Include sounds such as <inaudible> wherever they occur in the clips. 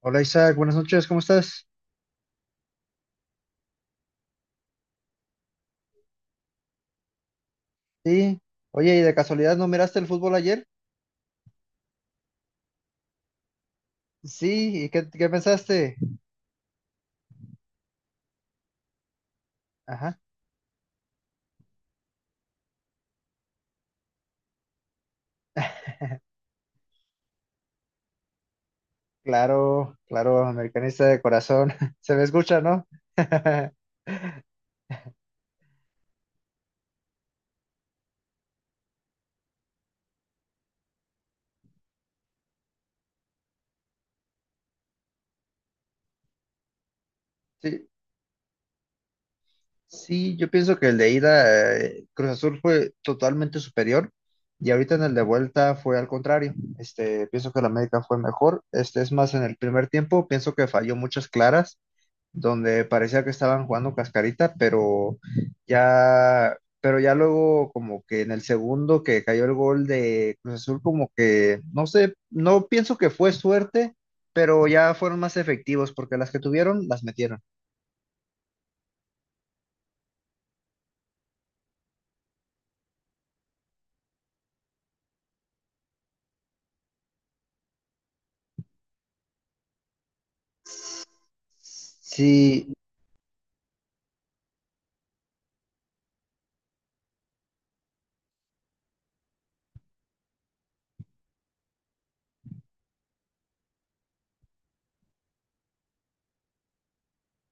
Hola Isaac, buenas noches, ¿cómo estás? Sí, oye, ¿y de casualidad no miraste el fútbol ayer? Sí, ¿y qué pensaste? Ajá, claro, claro, americanista de corazón, <laughs> se me escucha, ¿no? <laughs> Sí, sí, yo pienso que el de ida, Cruz Azul fue totalmente superior y ahorita en el de vuelta fue al contrario. Pienso que la América fue mejor, es más en el primer tiempo, pienso que falló muchas claras. Donde parecía que estaban jugando cascarita, pero ya luego como que en el segundo que cayó el gol de Cruz Azul, como que, no sé, no pienso que fue suerte, pero ya fueron más efectivos porque las que tuvieron las metieron. Sí,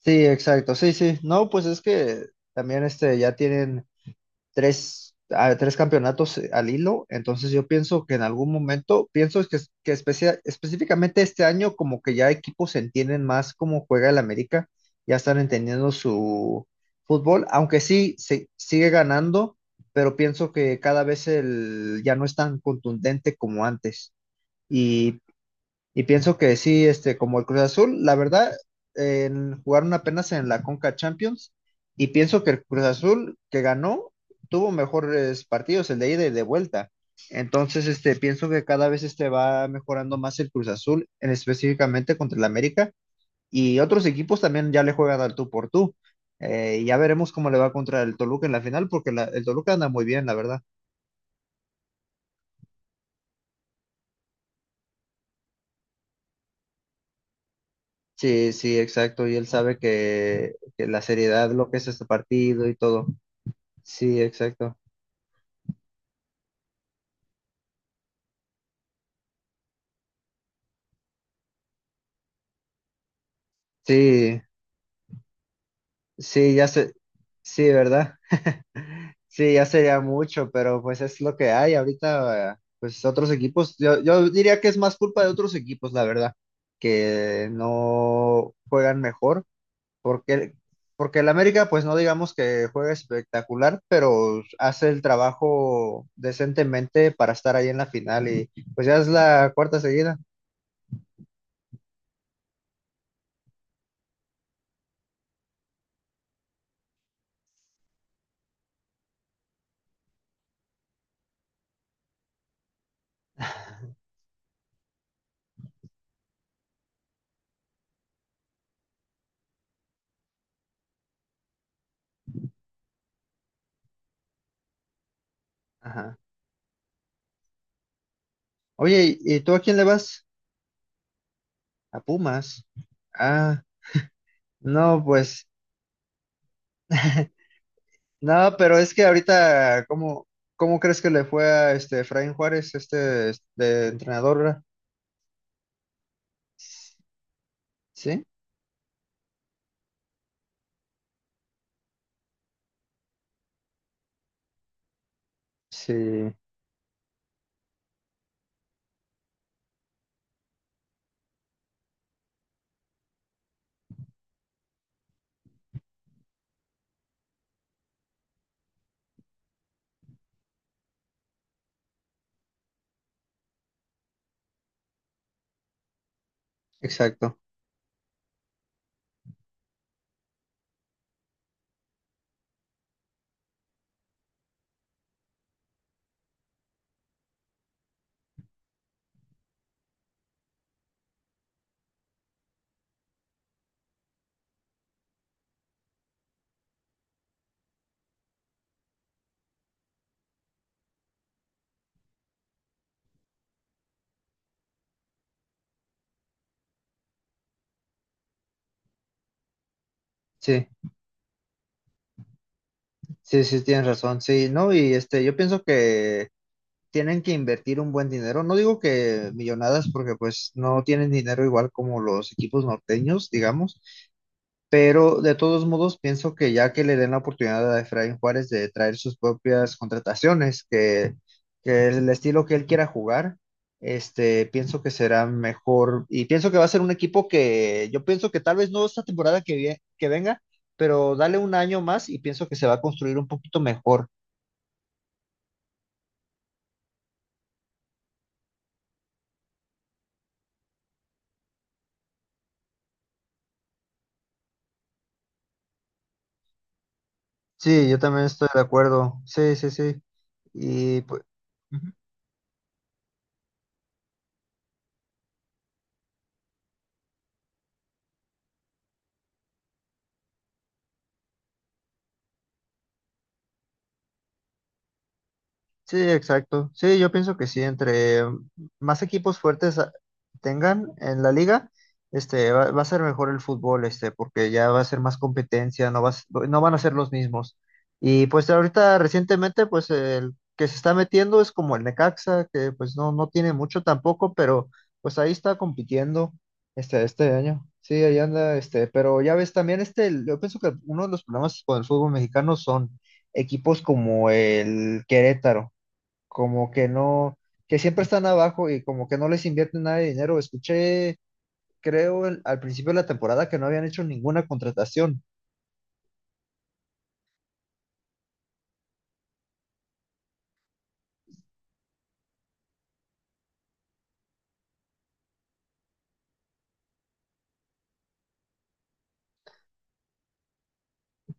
sí, exacto, sí, sí, no, pues es que también ya tienen tres campeonatos al hilo, entonces yo pienso que en algún momento, pienso es que, específicamente este año como que ya equipos entienden más cómo juega el América, ya están entendiendo su fútbol, aunque sí sigue ganando, pero pienso que cada vez ya no es tan contundente como antes. Y y pienso que sí, como el Cruz Azul, la verdad, jugaron apenas en la Conca Champions y pienso que el Cruz Azul que ganó tuvo mejores partidos, el de ida y de vuelta. Entonces, pienso que cada vez va mejorando más el Cruz Azul, en específicamente contra el América y otros equipos también ya le juegan al tú por tú. Y ya veremos cómo le va contra el Toluca en la final, porque el Toluca anda muy bien, la verdad. Sí, sí, exacto. Y él sabe que la seriedad, lo que es este partido y todo. Sí, exacto. Sí, sí, ya sé, sí, ¿verdad? <laughs> Sí, ya sería mucho, pero pues es lo que hay ahorita, pues otros equipos, yo diría que es más culpa de otros equipos, la verdad, que no juegan mejor, porque, porque el América, pues no digamos que juega espectacular, pero hace el trabajo decentemente para estar ahí en la final y pues ya es la cuarta seguida. Ajá. Oye, ¿y tú a quién le vas? A Pumas. Ah. No, pues nada, pero es que ahorita, ¿cómo crees que le fue a este Efraín Juárez, este entrenador? ¿Verdad? Sí, sí, exacto. Sí, sí, sí, tienes razón. Sí, no, y yo pienso que tienen que invertir un buen dinero. No digo que millonadas, porque pues no tienen dinero igual como los equipos norteños, digamos. Pero de todos modos, pienso que ya que le den la oportunidad a Efraín Juárez de traer sus propias contrataciones, que el estilo que él quiera jugar, pienso que será mejor. Y pienso que va a ser un equipo que yo pienso que tal vez no esta temporada que venga, pero dale un año más y pienso que se va a construir un poquito mejor. Sí, yo también estoy de acuerdo. Sí, sí, sí. Y pues. Sí, exacto. Sí, yo pienso que sí, entre más equipos fuertes tengan en la liga, va a ser mejor el fútbol, porque ya va a ser más competencia, no vas, no no van a ser los mismos. Y pues ahorita recientemente, pues el que se está metiendo es como el Necaxa, que pues no, no tiene mucho tampoco, pero pues ahí está compitiendo este año. Sí, ahí anda, pero ya ves también yo pienso que uno de los problemas con el fútbol mexicano son equipos como el Querétaro como que no, que siempre están abajo y como que no les invierten nada de dinero. Escuché, creo, al principio de la temporada que no habían hecho ninguna contratación.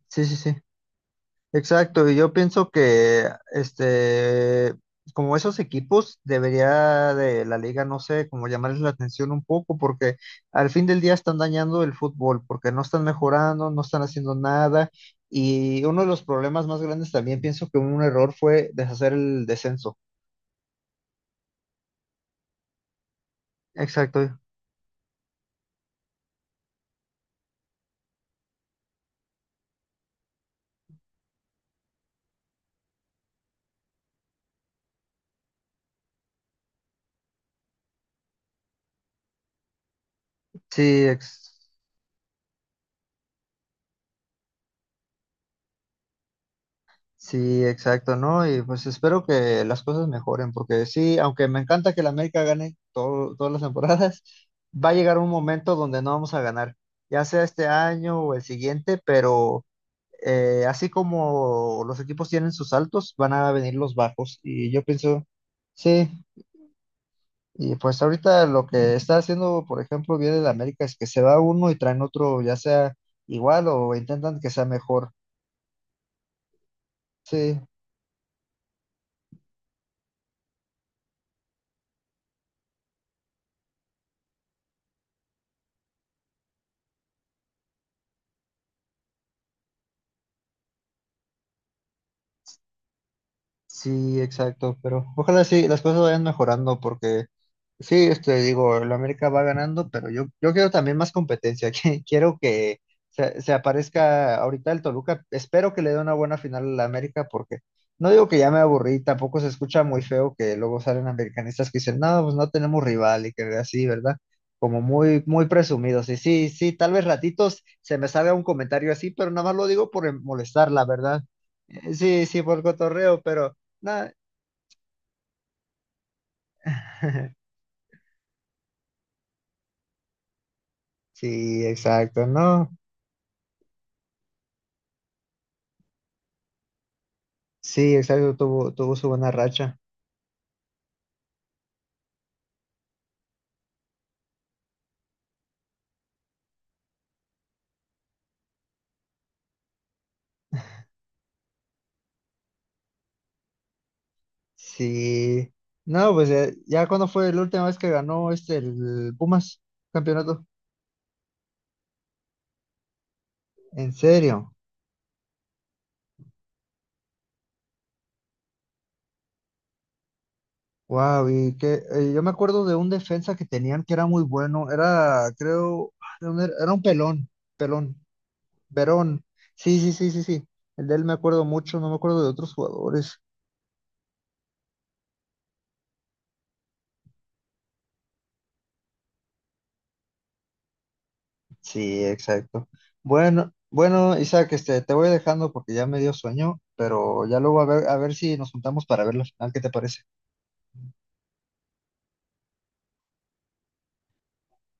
Sí, sí, sí. Exacto. Y yo pienso que, este, como esos equipos, debería de la liga, no sé, como llamarles la atención un poco, porque al fin del día están dañando el fútbol, porque no están mejorando, no están haciendo nada. Y uno de los problemas más grandes también pienso que un error fue deshacer el descenso. Exacto. Sí, sí, exacto, ¿no? Y pues espero que las cosas mejoren, porque sí, aunque me encanta que la América gane todas las temporadas, <laughs> va a llegar un momento donde no vamos a ganar, ya sea este año o el siguiente, pero así como los equipos tienen sus altos, van a venir los bajos. Y yo pienso, sí, y pues ahorita lo que está haciendo, por ejemplo, bien el América es que se va uno y traen otro, ya sea igual o intentan que sea mejor. Sí. Sí, exacto, pero ojalá sí, las cosas vayan mejorando porque sí, digo, el América va ganando, pero yo quiero también más competencia, <laughs> quiero que se aparezca ahorita el Toluca, espero que le dé una buena final al América porque no digo que ya me aburrí, tampoco se escucha muy feo que luego salen americanistas que dicen, no, pues no tenemos rival y que así, ¿verdad? Como muy, muy presumidos, y sí, sí, tal vez ratitos se me salga un comentario así, pero nada más lo digo por molestar, la verdad. Sí, sí, por cotorreo, pero. Nah. <laughs> Sí, exacto, no. Sí, exacto, tuvo su buena racha. Sí. No, pues ya, ya cuando fue la última vez que ganó el Pumas campeonato. En serio. Wow, y que yo me acuerdo de un defensa que tenían que era muy bueno. Era, creo, ¿de dónde era? Era un pelón, pelón, Verón. Sí, sí, sí, sí, sí. El de él me acuerdo mucho, no me acuerdo de otros jugadores. Sí, exacto. Bueno, bueno, Isaac, te voy dejando porque ya me dio sueño, pero ya luego a ver si nos juntamos para ver la final, ¿qué te parece?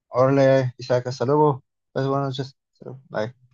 Órale, Isaac, hasta luego. Pues, buenas noches. Hasta luego. Bye.